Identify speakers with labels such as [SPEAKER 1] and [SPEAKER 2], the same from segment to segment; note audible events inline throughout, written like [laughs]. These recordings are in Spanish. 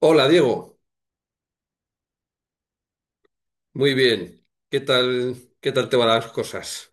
[SPEAKER 1] Hola, Diego, muy bien. ¿Qué tal, qué tal te van las cosas?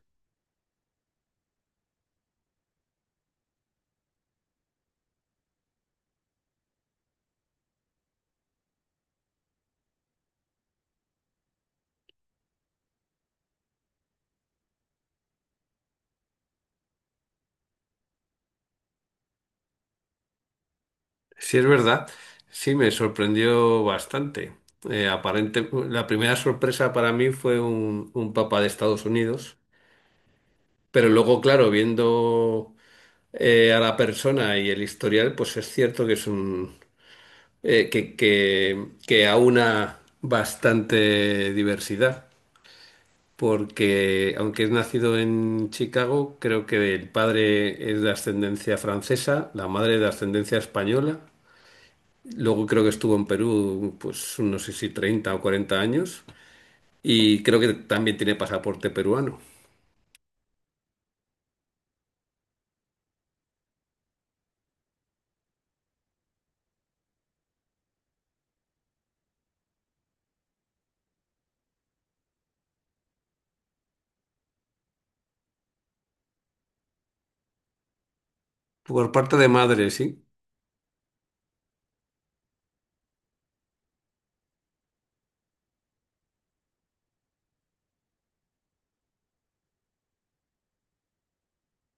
[SPEAKER 1] Sí, es verdad. Sí, me sorprendió bastante. Aparente, la primera sorpresa para mí fue un papa de Estados Unidos, pero luego, claro, viendo a la persona y el historial, pues es cierto que es un que aúna bastante diversidad, porque aunque es nacido en Chicago, creo que el padre es de ascendencia francesa, la madre de ascendencia española. Luego creo que estuvo en Perú pues no sé si 30 o 40 años, y creo que también tiene pasaporte peruano. Por parte de madre, sí.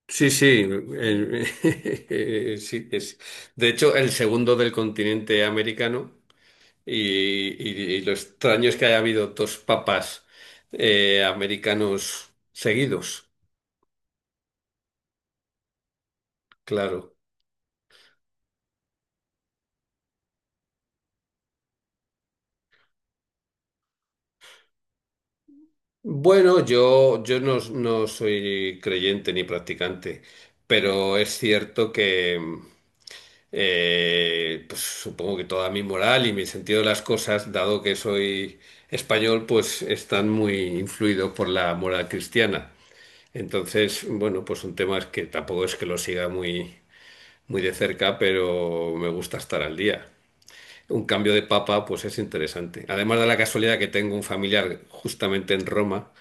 [SPEAKER 1] Sí, sí. [laughs] Sí, es. De hecho, el segundo del continente americano, y lo extraño es que haya habido dos papas americanos seguidos. Claro. Bueno, yo no soy creyente ni practicante, pero es cierto que pues, supongo que toda mi moral y mi sentido de las cosas, dado que soy español, pues están muy influidos por la moral cristiana. Entonces, bueno, pues son temas que tampoco es que lo siga muy de cerca, pero me gusta estar al día. Un cambio de papa, pues es interesante. Además, de la casualidad que tengo un familiar justamente en Roma,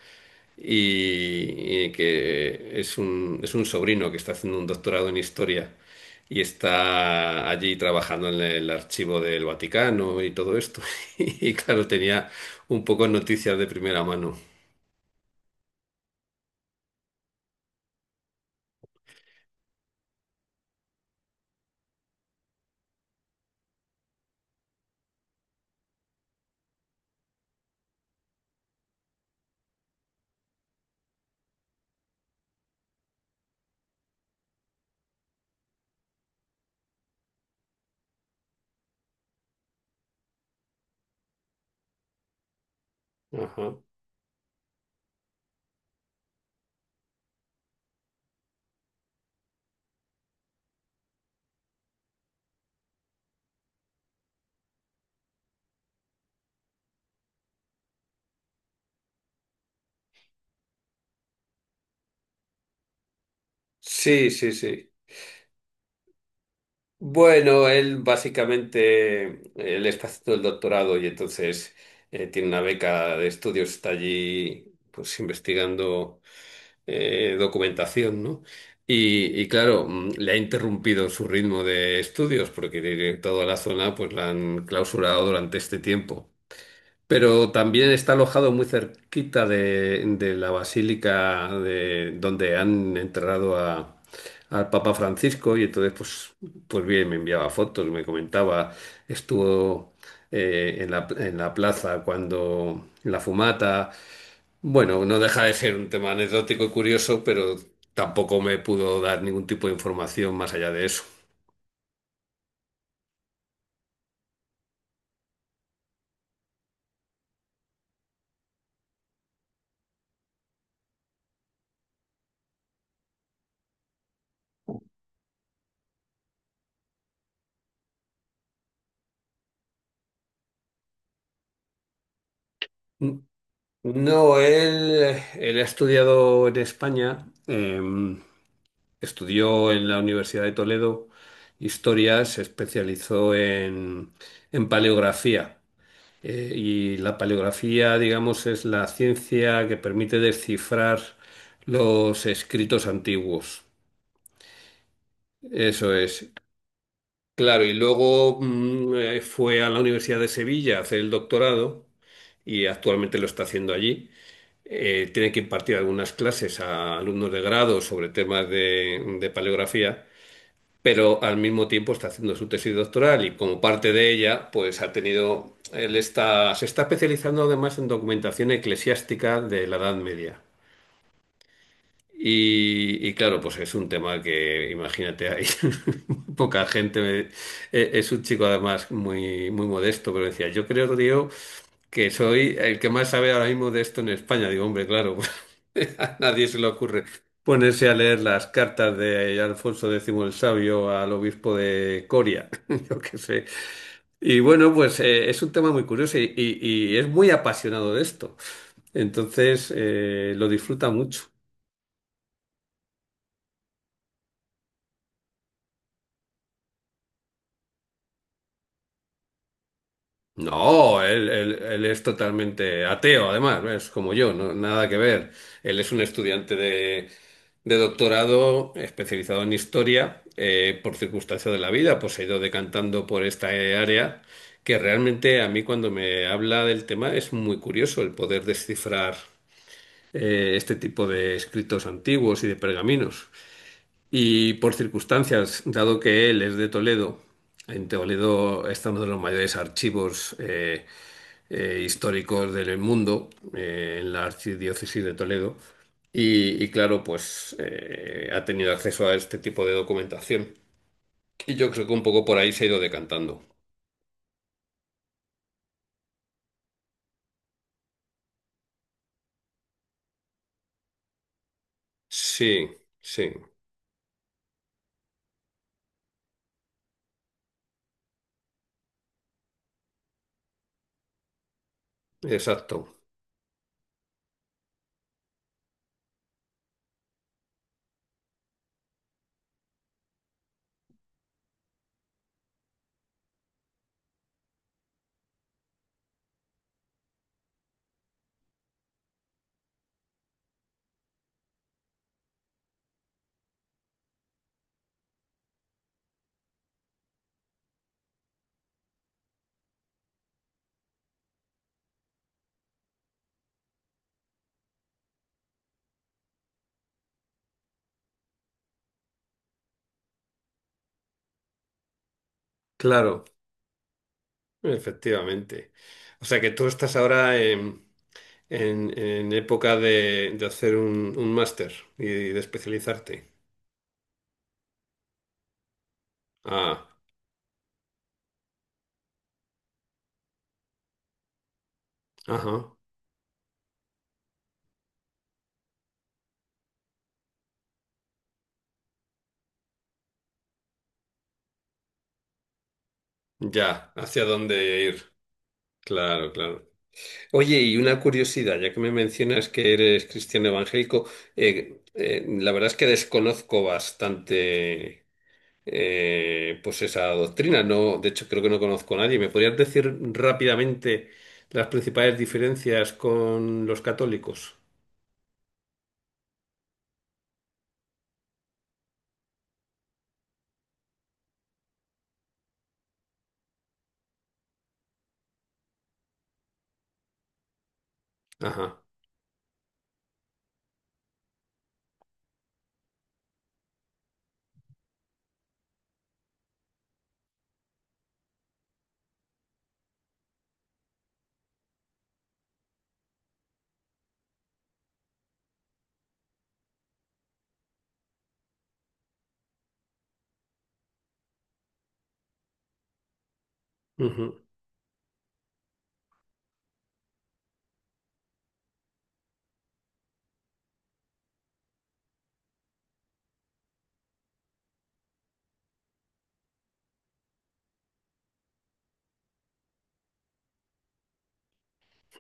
[SPEAKER 1] y que es un sobrino que está haciendo un doctorado en historia y está allí trabajando en el archivo del Vaticano y todo esto. [laughs] Y claro, tenía un poco noticias de primera mano. Ajá. Sí, sí, sí. Bueno, él básicamente, él está haciendo el doctorado y entonces tiene una beca de estudios, está allí pues investigando documentación, ¿no? Y claro, le ha interrumpido su ritmo de estudios porque toda la zona pues la han clausurado durante este tiempo. Pero también está alojado muy cerquita de la basílica de, donde han enterrado a, al Papa Francisco, y entonces pues, pues bien, me enviaba fotos, me comentaba, estuvo en la plaza cuando en la fumata. Bueno, no deja de ser un tema anecdótico y curioso, pero tampoco me pudo dar ningún tipo de información más allá de eso. N- No, él ha estudiado en España, estudió en la Universidad de Toledo historia, se especializó en paleografía. Y la paleografía, digamos, es la ciencia que permite descifrar los escritos antiguos. Eso es. Claro, y luego fue a la Universidad de Sevilla a hacer el doctorado y actualmente lo está haciendo allí. Tiene que impartir algunas clases a alumnos de grado sobre temas de paleografía, pero al mismo tiempo está haciendo su tesis doctoral y, como parte de ella, pues ha tenido, él está, se está especializando además en documentación eclesiástica de la Edad Media. Y claro, pues es un tema que, imagínate, hay [laughs] poca gente. Es un chico además muy modesto, pero decía, yo creo, tío, que soy el que más sabe ahora mismo de esto en España. Digo, hombre, claro, [laughs] a nadie se le ocurre ponerse a leer las cartas de Alfonso X el Sabio al obispo de Coria, [laughs] yo qué sé. Y bueno, pues es un tema muy curioso y es muy apasionado de esto. Entonces, lo disfruta mucho. No, él es totalmente ateo, además, es como yo, nada que ver. Él es un estudiante de doctorado especializado en historia, por circunstancia de la vida, pues se ha ido decantando por esta área, que realmente a mí cuando me habla del tema es muy curioso el poder descifrar este tipo de escritos antiguos y de pergaminos. Y por circunstancias, dado que él es de Toledo, en Toledo está uno de los mayores archivos históricos del mundo, en la archidiócesis de Toledo, y claro, pues ha tenido acceso a este tipo de documentación. Y yo creo que un poco por ahí se ha ido decantando. Sí, sí, exacto. Claro, efectivamente. O sea que tú estás ahora en época de hacer un máster y de especializarte. Ah, ajá, ya, hacia dónde ir. Claro, claro. Oye, y una curiosidad, ya que me mencionas que eres cristiano evangélico, la verdad es que desconozco bastante pues esa doctrina. No, de hecho, creo que no conozco a nadie. ¿Me podrías decir rápidamente las principales diferencias con los católicos? Ajá. Ujú,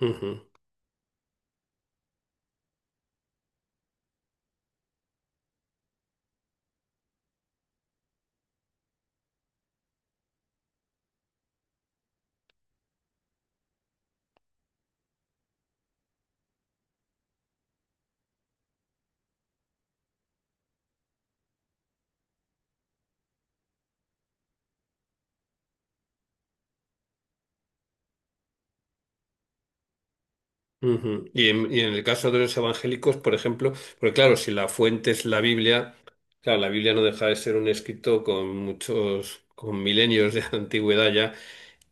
[SPEAKER 1] ujú. Ujú. Y en el caso de los evangélicos, por ejemplo, porque claro, si la fuente es la Biblia, claro, la Biblia no deja de ser un escrito con muchos, con milenios de [laughs] antigüedad ya,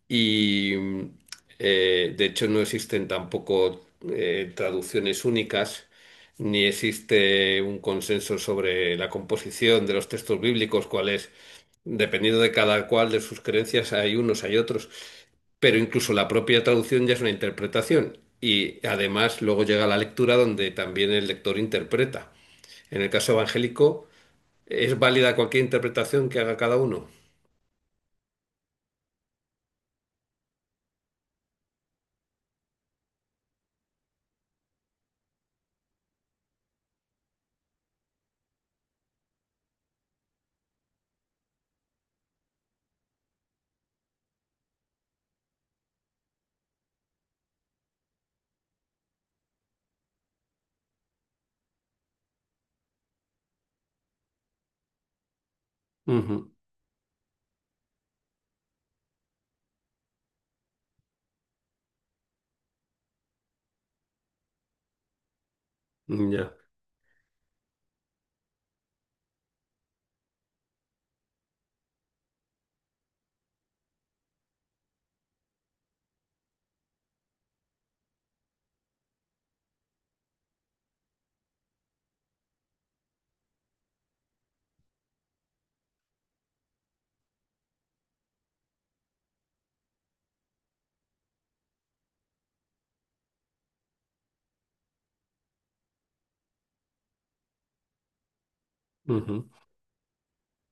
[SPEAKER 1] y de hecho no existen tampoco traducciones únicas, ni existe un consenso sobre la composición de los textos bíblicos, cuál es, dependiendo de cada cual de sus creencias, hay unos, hay otros, pero incluso la propia traducción ya es una interpretación. Y además luego llega la lectura donde también el lector interpreta. En el caso evangélico, ¿es válida cualquier interpretación que haga cada uno? Ujú, ya. Ujú.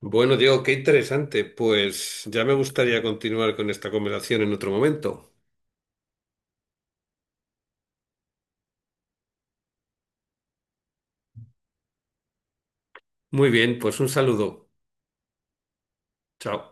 [SPEAKER 1] Bueno, Diego, qué interesante. Pues ya me gustaría continuar con esta conversación en otro momento. Muy bien, pues un saludo. Chao.